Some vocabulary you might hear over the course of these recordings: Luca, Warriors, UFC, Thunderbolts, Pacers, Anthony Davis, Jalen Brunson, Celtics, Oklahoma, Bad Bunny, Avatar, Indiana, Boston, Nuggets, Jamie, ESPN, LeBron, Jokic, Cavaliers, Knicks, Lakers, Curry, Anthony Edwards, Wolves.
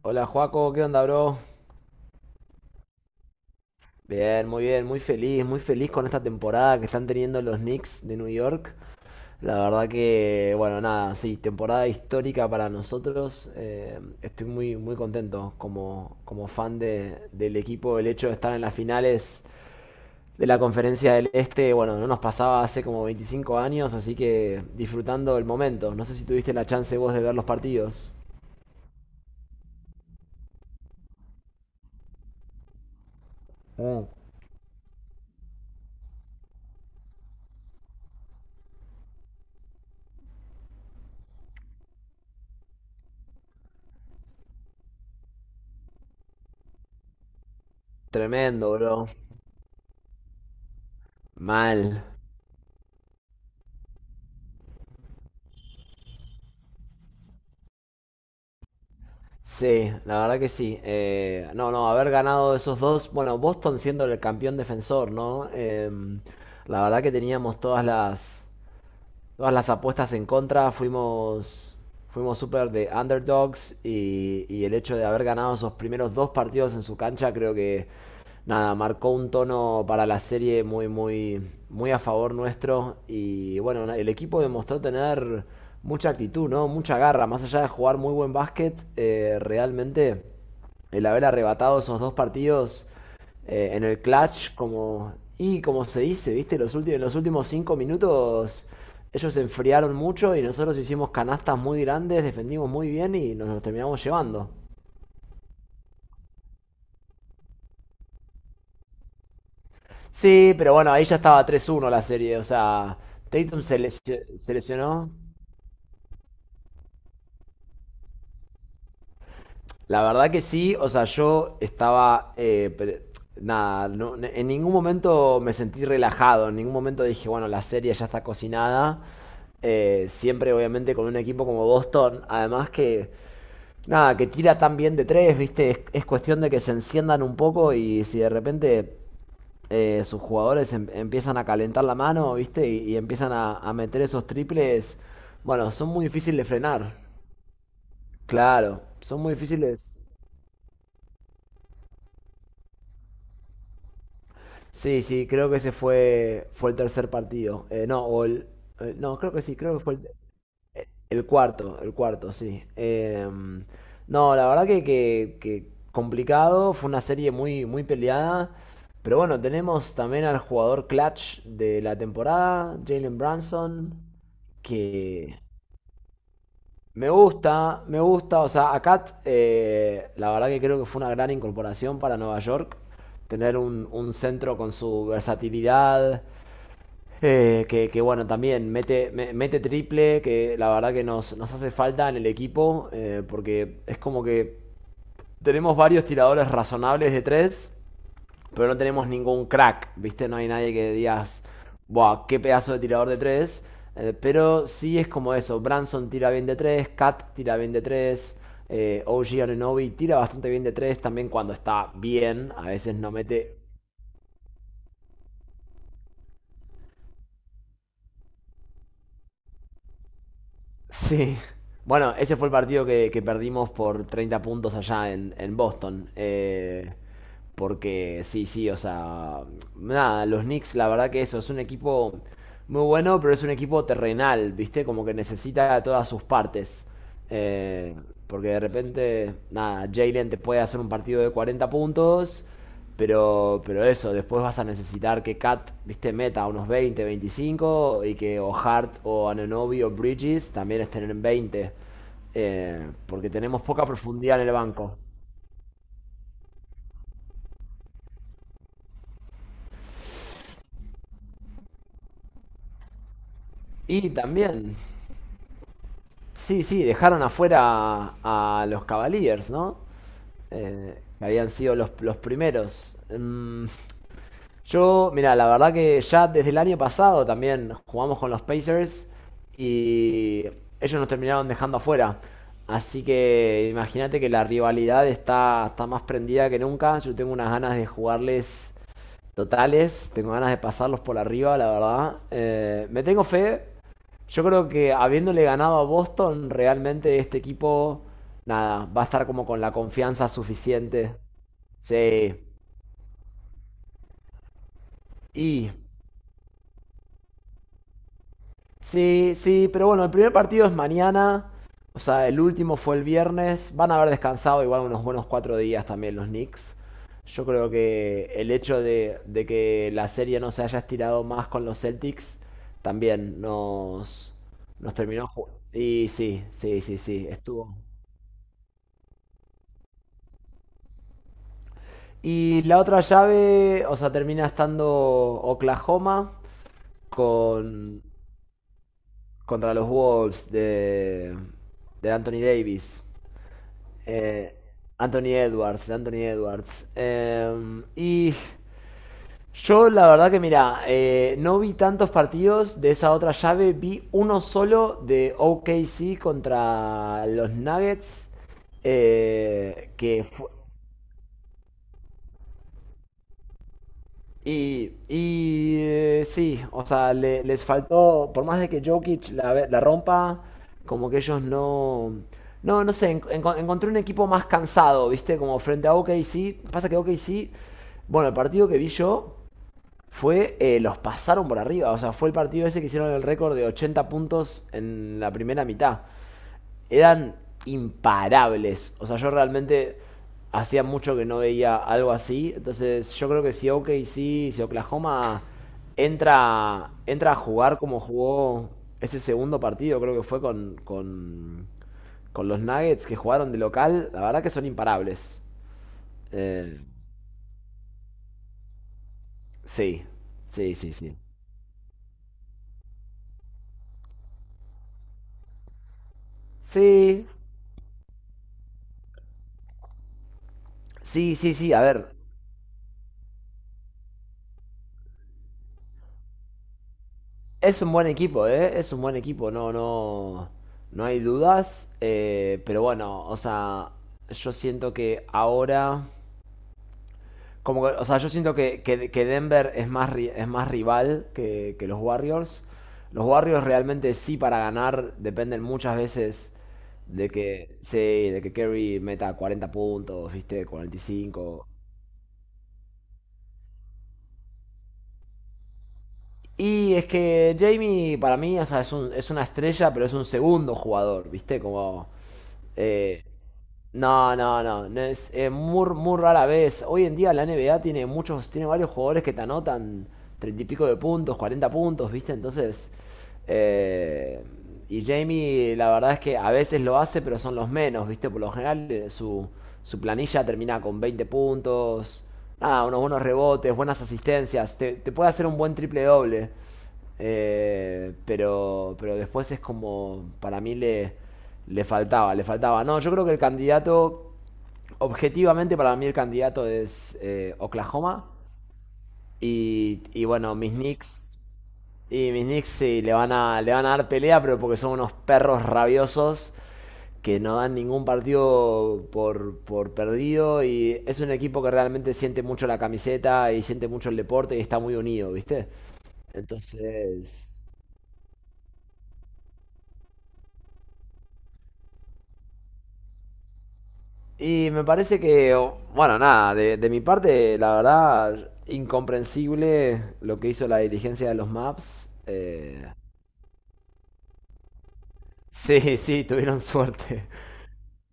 Hola Joaco, ¿qué onda, bro? Bien, muy feliz con esta temporada que están teniendo los Knicks de New York. La verdad que, bueno, nada, sí, temporada histórica para nosotros. Estoy muy, muy contento como, como fan del equipo. El hecho de estar en las finales de la Conferencia del Este, bueno, no nos pasaba hace como 25 años, así que disfrutando el momento. No sé si tuviste la chance vos de ver los partidos. Mm. Tremendo, bro. Mal. Sí, la verdad que sí. No, no, haber ganado esos dos, bueno, Boston siendo el campeón defensor, ¿no? La verdad que teníamos todas las apuestas en contra, fuimos súper de underdogs, y el hecho de haber ganado esos primeros dos partidos en su cancha creo que, nada, marcó un tono para la serie muy, muy, muy a favor nuestro. Y bueno, el equipo demostró tener mucha actitud, ¿no? Mucha garra. Más allá de jugar muy buen básquet, realmente el haber arrebatado esos dos partidos, en el clutch, como, y como se dice, ¿viste? En los últimos 5 minutos ellos se enfriaron mucho y nosotros hicimos canastas muy grandes, defendimos muy bien y nos los terminamos llevando. Sí, pero bueno, ahí ya estaba 3-1 la serie, o sea, Tatum se lesionó. La verdad que sí, o sea, yo estaba, nada, en ningún momento me sentí relajado, en ningún momento dije, bueno, la serie ya está cocinada. Siempre obviamente con un equipo como Boston, además que, nada, que tira tan bien de tres, viste, es cuestión de que se enciendan un poco, y si de repente, sus jugadores empiezan a calentar la mano, viste, y empiezan a meter esos triples, bueno, son muy difíciles de frenar, claro, son muy difíciles. Sí, sí, creo que fue el tercer partido. No, o el, no, creo que sí, creo que fue el cuarto, sí. No, la verdad que, que complicado, fue una serie muy, muy peleada. Pero bueno, tenemos también al jugador clutch de la temporada, Jalen Brunson, que me gusta, me gusta. O sea, a Cat, la verdad que creo que fue una gran incorporación para Nueva York. Tener un centro con su versatilidad, bueno, también mete, mete triple, que la verdad que nos hace falta en el equipo, porque es como que tenemos varios tiradores razonables de tres, pero no tenemos ningún crack, ¿viste? No hay nadie que digas, ¡buah, qué pedazo de tirador de tres! Pero sí es como eso, Branson tira bien de tres, Cat tira bien de tres, OG Ananobi tira bastante bien de tres también cuando está bien, a veces no mete. Sí. Bueno, ese fue el partido que, perdimos por 30 puntos allá en Boston. Porque sí, sí, o sea, nada, los Knicks, la verdad que eso, es un equipo muy bueno, pero es un equipo terrenal, ¿viste? Como que necesita todas sus partes. Eh, porque de repente, nada, Jalen te puede hacer un partido de 40 puntos, pero eso, después vas a necesitar que Cat, viste, meta unos 20, 25 y que o Hart o Ananobi o Bridges también estén en 20, porque tenemos poca profundidad en el banco. Y también, sí, sí, dejaron afuera a los Cavaliers, ¿no? Que habían sido los primeros. Mm. Yo, mira, la verdad que ya desde el año pasado también jugamos con los Pacers y ellos nos terminaron dejando afuera. Así que imagínate que la rivalidad está más prendida que nunca. Yo tengo unas ganas de jugarles totales, tengo ganas de pasarlos por arriba, la verdad. Me tengo fe. Yo creo que habiéndole ganado a Boston, realmente este equipo, nada, va a estar como con la confianza suficiente. Sí. Y Sí, sí, pero bueno, el primer partido es mañana. O sea, el último fue el viernes. Van a haber descansado igual unos buenos 4 días también los Knicks. Yo creo que el hecho de que la serie no se haya estirado más con los Celtics también nos terminó. Y sí, sí, sí, sí, estuvo. Y la otra llave, o sea, termina estando Oklahoma con, contra los Wolves de Anthony Davis. Eh, Anthony Edwards, Anthony Edwards. Y yo la verdad que mira, no vi tantos partidos de esa otra llave, vi uno solo de OKC contra los Nuggets, eh, que fu- y, sí, o sea, les faltó, por más de que Jokic la rompa, como que ellos no... No, no sé, encontré un equipo más cansado, ¿viste? Como frente a OKC. Pasa que OKC, bueno, el partido que vi yo fue, los pasaron por arriba, o sea, fue el partido ese que hicieron el récord de 80 puntos en la primera mitad, eran imparables. O sea, yo realmente hacía mucho que no veía algo así. Entonces, yo creo que si Oklahoma entra a jugar como jugó ese segundo partido, creo que fue con los Nuggets que jugaron de local, la verdad que son imparables. Eh, sí, sí, sí, sí. Sí, sí, sí, sí. A ver, es un buen equipo, ¿eh? Es un buen equipo, no, no, no hay dudas. Pero bueno, o sea, yo siento que ahora, como que, o sea, yo siento que, que Denver es más rival que los Warriors. Los Warriors realmente sí para ganar dependen muchas veces sí, de que Curry meta 40 puntos, viste, 45. Y es que Jamie, para mí, o sea, es una estrella, pero es un segundo jugador, ¿viste? Como. eh, no, no es, muy, muy rara vez. Hoy en día la NBA tiene varios jugadores que te anotan treinta y pico de puntos, 40 puntos, ¿viste? Entonces, eh, y Jamie, la verdad es que a veces lo hace, pero son los menos, ¿viste? Por lo general, su planilla termina con 20 puntos, nada, unos buenos rebotes, buenas asistencias, te puede hacer un buen triple doble. Pero después es como, para mí le faltaba, le faltaba. No, yo creo que el candidato, objetivamente para mí el candidato es, Oklahoma. Y bueno, mis Knicks. Y mis Knicks sí, le van a dar pelea, pero porque son unos perros rabiosos que no dan ningún partido por perdido. Y es un equipo que realmente siente mucho la camiseta y siente mucho el deporte y está muy unido, ¿viste? Entonces, Y me parece que, bueno, nada, de mi parte, la verdad, incomprensible lo que hizo la diligencia de los maps. Sí, sí, tuvieron suerte.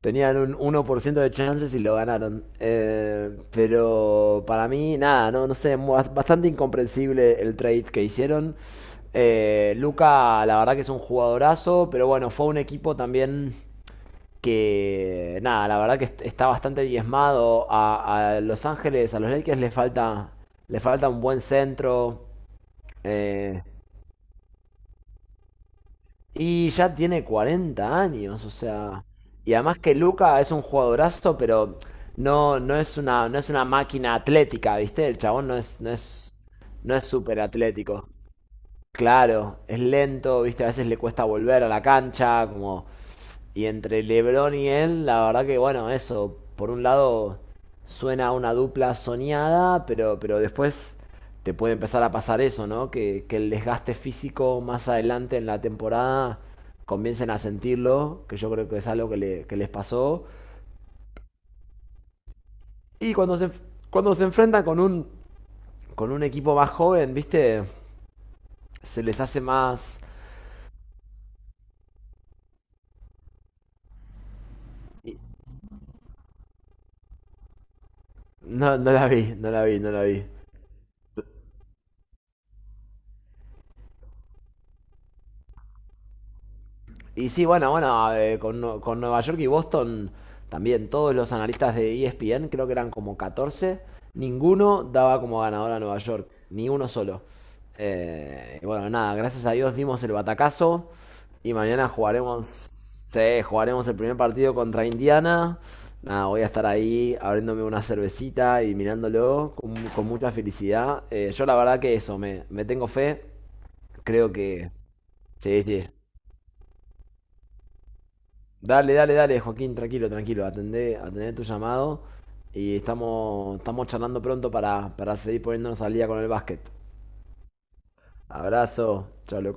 Tenían un 1% de chances y lo ganaron. Pero para mí, nada, no sé, bastante incomprensible el trade que hicieron. Luca, la verdad que es un jugadorazo, pero bueno, fue un equipo también que, nada, la verdad que está bastante diezmado. A Los Ángeles, a los Lakers le falta un buen centro. eh, y ya tiene 40 años, o sea. Y además que Luca es un jugadorazo, pero no, no es una máquina atlética, ¿viste? El chabón no es súper atlético. Claro, es lento, ¿viste? A veces le cuesta volver a la cancha, como... Y entre LeBron y él, la verdad que bueno, eso, por un lado suena una dupla soñada, pero después te puede empezar a pasar eso, ¿no? Que el desgaste físico más adelante en la temporada comiencen a sentirlo, que yo creo que es algo que, que les pasó. Y cuando se enfrentan con un equipo más joven, ¿viste? Se les hace más... No, no la vi, no la vi, no la vi. Y sí, bueno, bueno, con Nueva York y Boston también, todos los analistas de ESPN, creo que eran como 14, ninguno daba como ganador a Nueva York, ni uno solo. Y bueno, nada, gracias a Dios dimos el batacazo y mañana jugaremos, sí, jugaremos el primer partido contra Indiana. Nada, voy a estar ahí abriéndome una cervecita y mirándolo con mucha felicidad. Yo la verdad que eso, me tengo fe, creo que... Sí, sí. Dale, dale, dale, Joaquín, tranquilo, tranquilo. Atendé, atendé tu llamado y estamos charlando pronto para seguir poniéndonos al día con el básquet. Abrazo, chao,